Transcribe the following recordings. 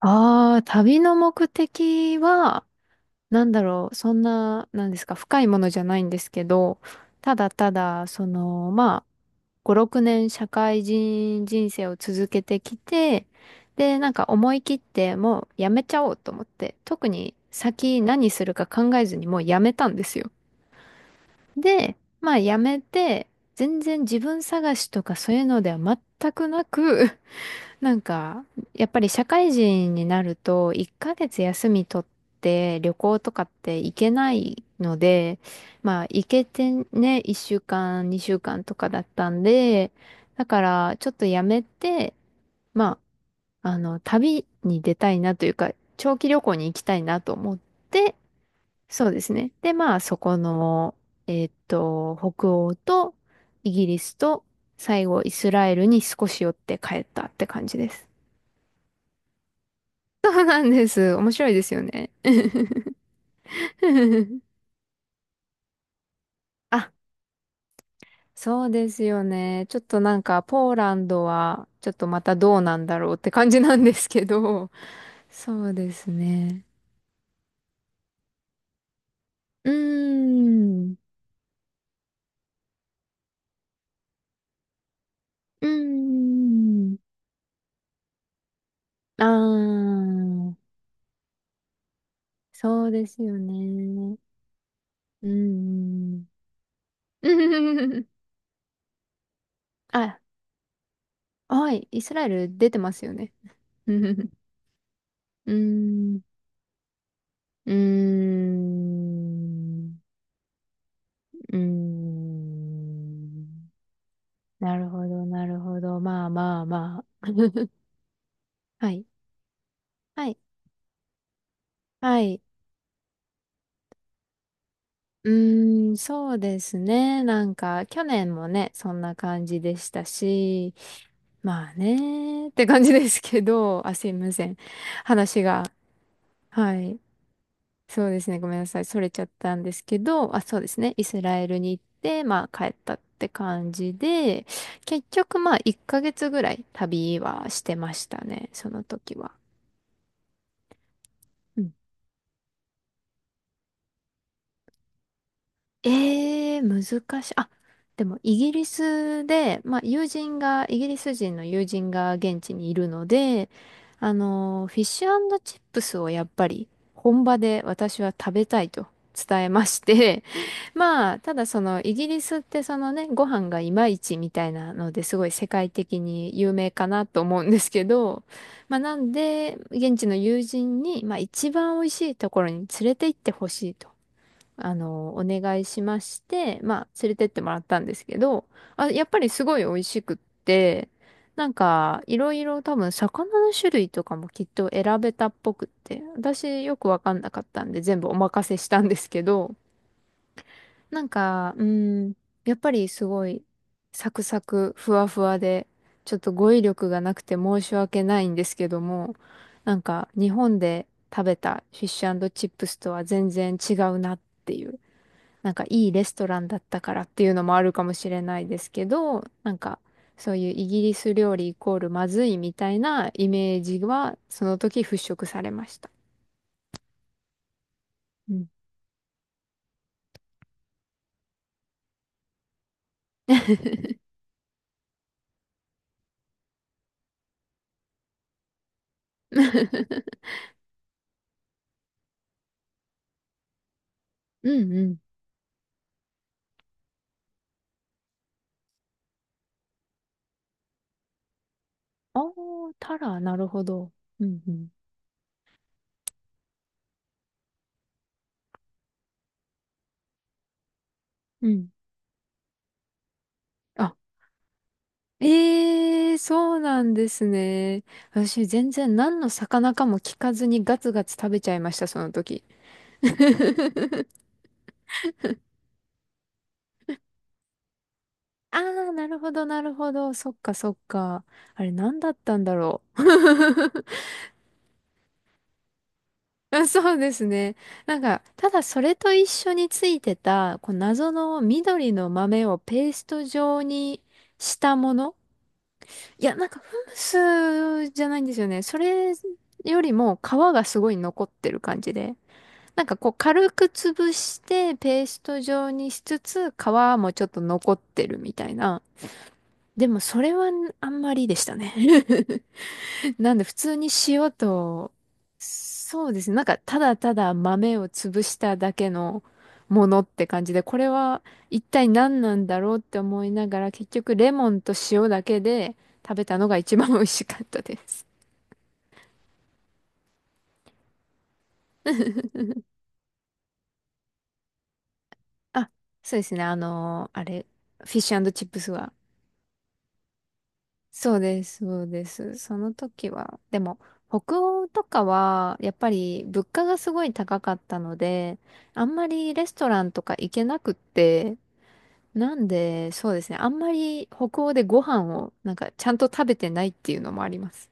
ああ、旅の目的は、なんだろう、そんな、なんですか、深いものじゃないんですけど、ただただ、まあ、5、6年社会人人生を続けてきて、で、なんか思い切って、もうやめちゃおうと思って、特に先何するか考えずにもうやめたんですよ。で、まあやめて、全然自分探しとかそういうのでは全くなくなんか、やっぱり社会人になると、1ヶ月休み取って旅行とかって行けないので、まあ行けてね、1週間、2週間とかだったんで、だからちょっとやめて、まあ、旅に出たいなというか、長期旅行に行きたいなと思って、そうですね。で、まあそこの、北欧とイギリスと最後イスラエルに少し寄って帰ったって感じです。そうなんです。面白いですよね。あ、そうですよね。ちょっとなんか、ポーランドは、ちょっとまたどうなんだろうって感じなんですけど、そうですね。うーん。うーん。ああそうですよね。うーん。あ、はい、イスラエル出てますよね。うーん。うーん。うーん。なるほど、なるほど。まあまあまあ。はい。はい。はい。うーん、そうですね。なんか、去年もね、そんな感じでしたし、まあね、って感じですけど、あ、すいません。話が。はい。そうですね。ごめんなさい。それちゃったんですけど、あ、そうですね。イスラエルに行って、まあ帰ったって感じで、結局まあ1ヶ月ぐらい旅はしてましたね。その時は。うん。難しい。あ、でもイギリスで、まあ友人が、イギリス人の友人が現地にいるので、フィッシュチップスをやっぱり本場で私は食べたいと伝えまして、まあ、ただそのイギリスってそのね、ご飯がいまいちみたいなのですごい世界的に有名かなと思うんですけど、まあなんで、現地の友人に、まあ一番美味しいところに連れて行ってほしいと、お願いしまして、まあ連れてってもらったんですけど、あ、やっぱりすごい美味しくって、なんか、いろいろ多分魚の種類とかもきっと選べたっぽくって、私よくわかんなかったんで全部お任せしたんですけど、なんか、うん、やっぱりすごい、サクサク、ふわふわで、ちょっと語彙力がなくて申し訳ないんですけども、なんか、日本で食べたフィッシュチップスとは全然違うなっていう、なんかいいレストランだったからっていうのもあるかもしれないですけど、なんか、そういうイギリス料理イコールまずいみたいなイメージは、その時払拭されました。うん。うんうん。ああ、タラ、なるほど。うん、うん、うん。あ、ええそうなんですね。私、全然何の魚かも聞かずにガツガツ食べちゃいました、その時。ああ、なるほど、なるほど。そっか、そっか。あれ、何だったんだろう。あそうですね。なんか、ただそれと一緒についてた、こう謎の緑の豆をペースト状にしたもの。いや、なんかフムスじゃないんですよね。それよりも皮がすごい残ってる感じで。なんかこう軽く潰してペースト状にしつつ皮もちょっと残ってるみたいな。でもそれはあんまりでしたね。なんで普通に塩と、そうですね。なんかただただ豆を潰しただけのものって感じで、これは一体何なんだろうって思いながら、結局レモンと塩だけで食べたのが一番美味しかったです。あ、そうですね。あれ、フィッシュチップスは。そうです、そうです。その時は、でも、北欧とかは、やっぱり物価がすごい高かったので、あんまりレストランとか行けなくって、なんで、そうですね。あんまり北欧でご飯を、なんか、ちゃんと食べてないっていうのもあります。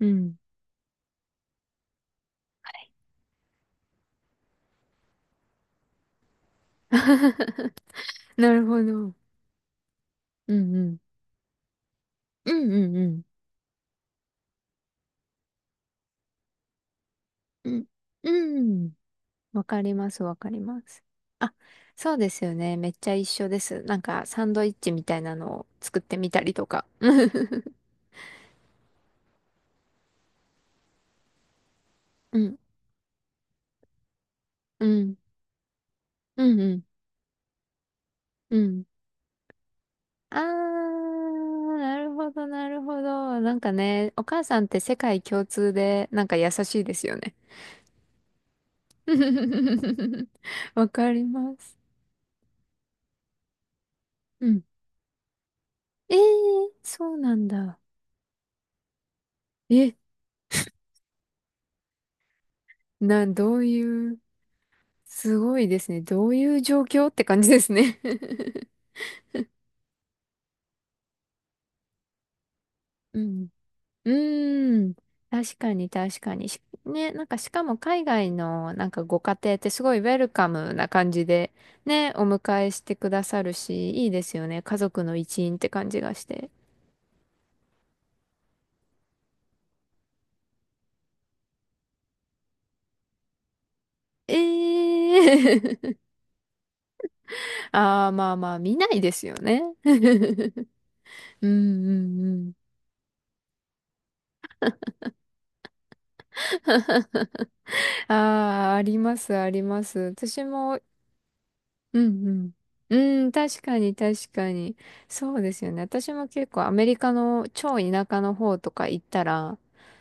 うん。なるほど。うんうん。うんうんうん。うん。うん。わかります、わかります。あ、そうですよね。めっちゃ一緒です。なんか、サンドイッチみたいなのを作ってみたりとか。うん。うん。うんうん。うん。あー、なるほど、なるほど。なんかね、お母さんって世界共通で、なんか優しいですよね。わかります。うん。ええそうなんだ。え、どういう、すごいですね。どういう状況って感じですね。うん。うーん。確かに、確かに。しね、なんかしかも海外のなんかご家庭ってすごいウェルカムな感じで、ね、お迎えしてくださるし、いいですよね。家族の一員って感じがして。ええ ああ、まあまあ、見ないですよね。うんうんうん。ああ、あります、あります。私も、うんうん。うん、確かに、確かに。そうですよね。私も結構アメリカの超田舎の方とか行ったら、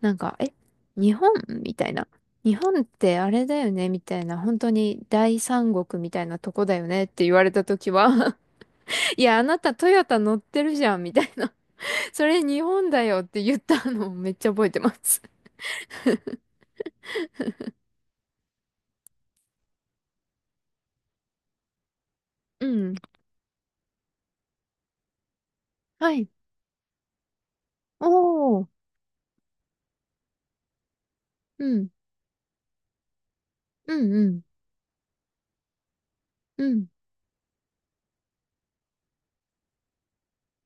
なんか、え、日本みたいな。日本ってあれだよねみたいな。本当に大三国みたいなとこだよねって言われた時は いや、あなたトヨタ乗ってるじゃんみたいな。それ日本だよって言ったのをめっちゃ覚えてます。うん。はい。おー。うん。うんうん。うん。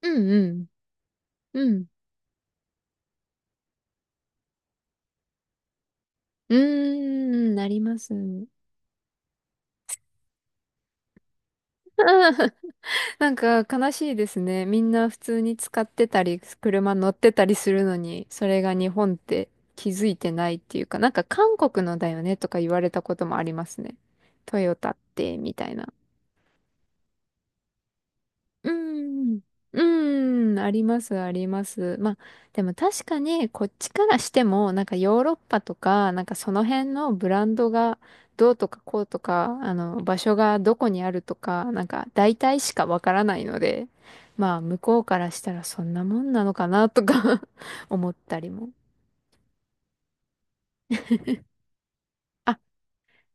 うんうん。うん。うーん、なります。なんか悲しいですね。みんな普通に使ってたり、車乗ってたりするのに、それが日本って気づいてないっていうか、なんか韓国のだよねとか言われたこともありますね。トヨタって、みたいな。うん。うん。あります、あります。まあ、でも確かに、こっちからしても、なんかヨーロッパとか、なんかその辺のブランドがどうとかこうとか、場所がどこにあるとか、なんか大体しかわからないので、まあ、向こうからしたらそんなもんなのかなとか 思ったりも。あ、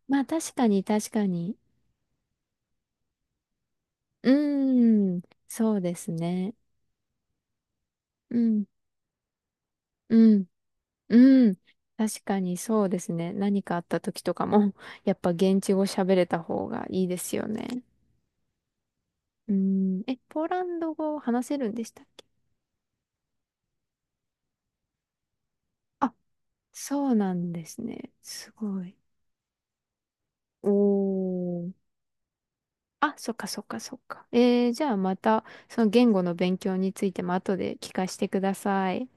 まあ確かに、確かに。うーん。そうですね。うん。うん。うん。確かにそうですね。何かあった時とかも、やっぱ現地語喋れた方がいいですよね。うん。え、ポーランド語話せるんでしたっけ？あ、そうなんですね。すごい。おー。あ、そっかそっかそっか。じゃあまた、その言語の勉強についても後で聞かせてください。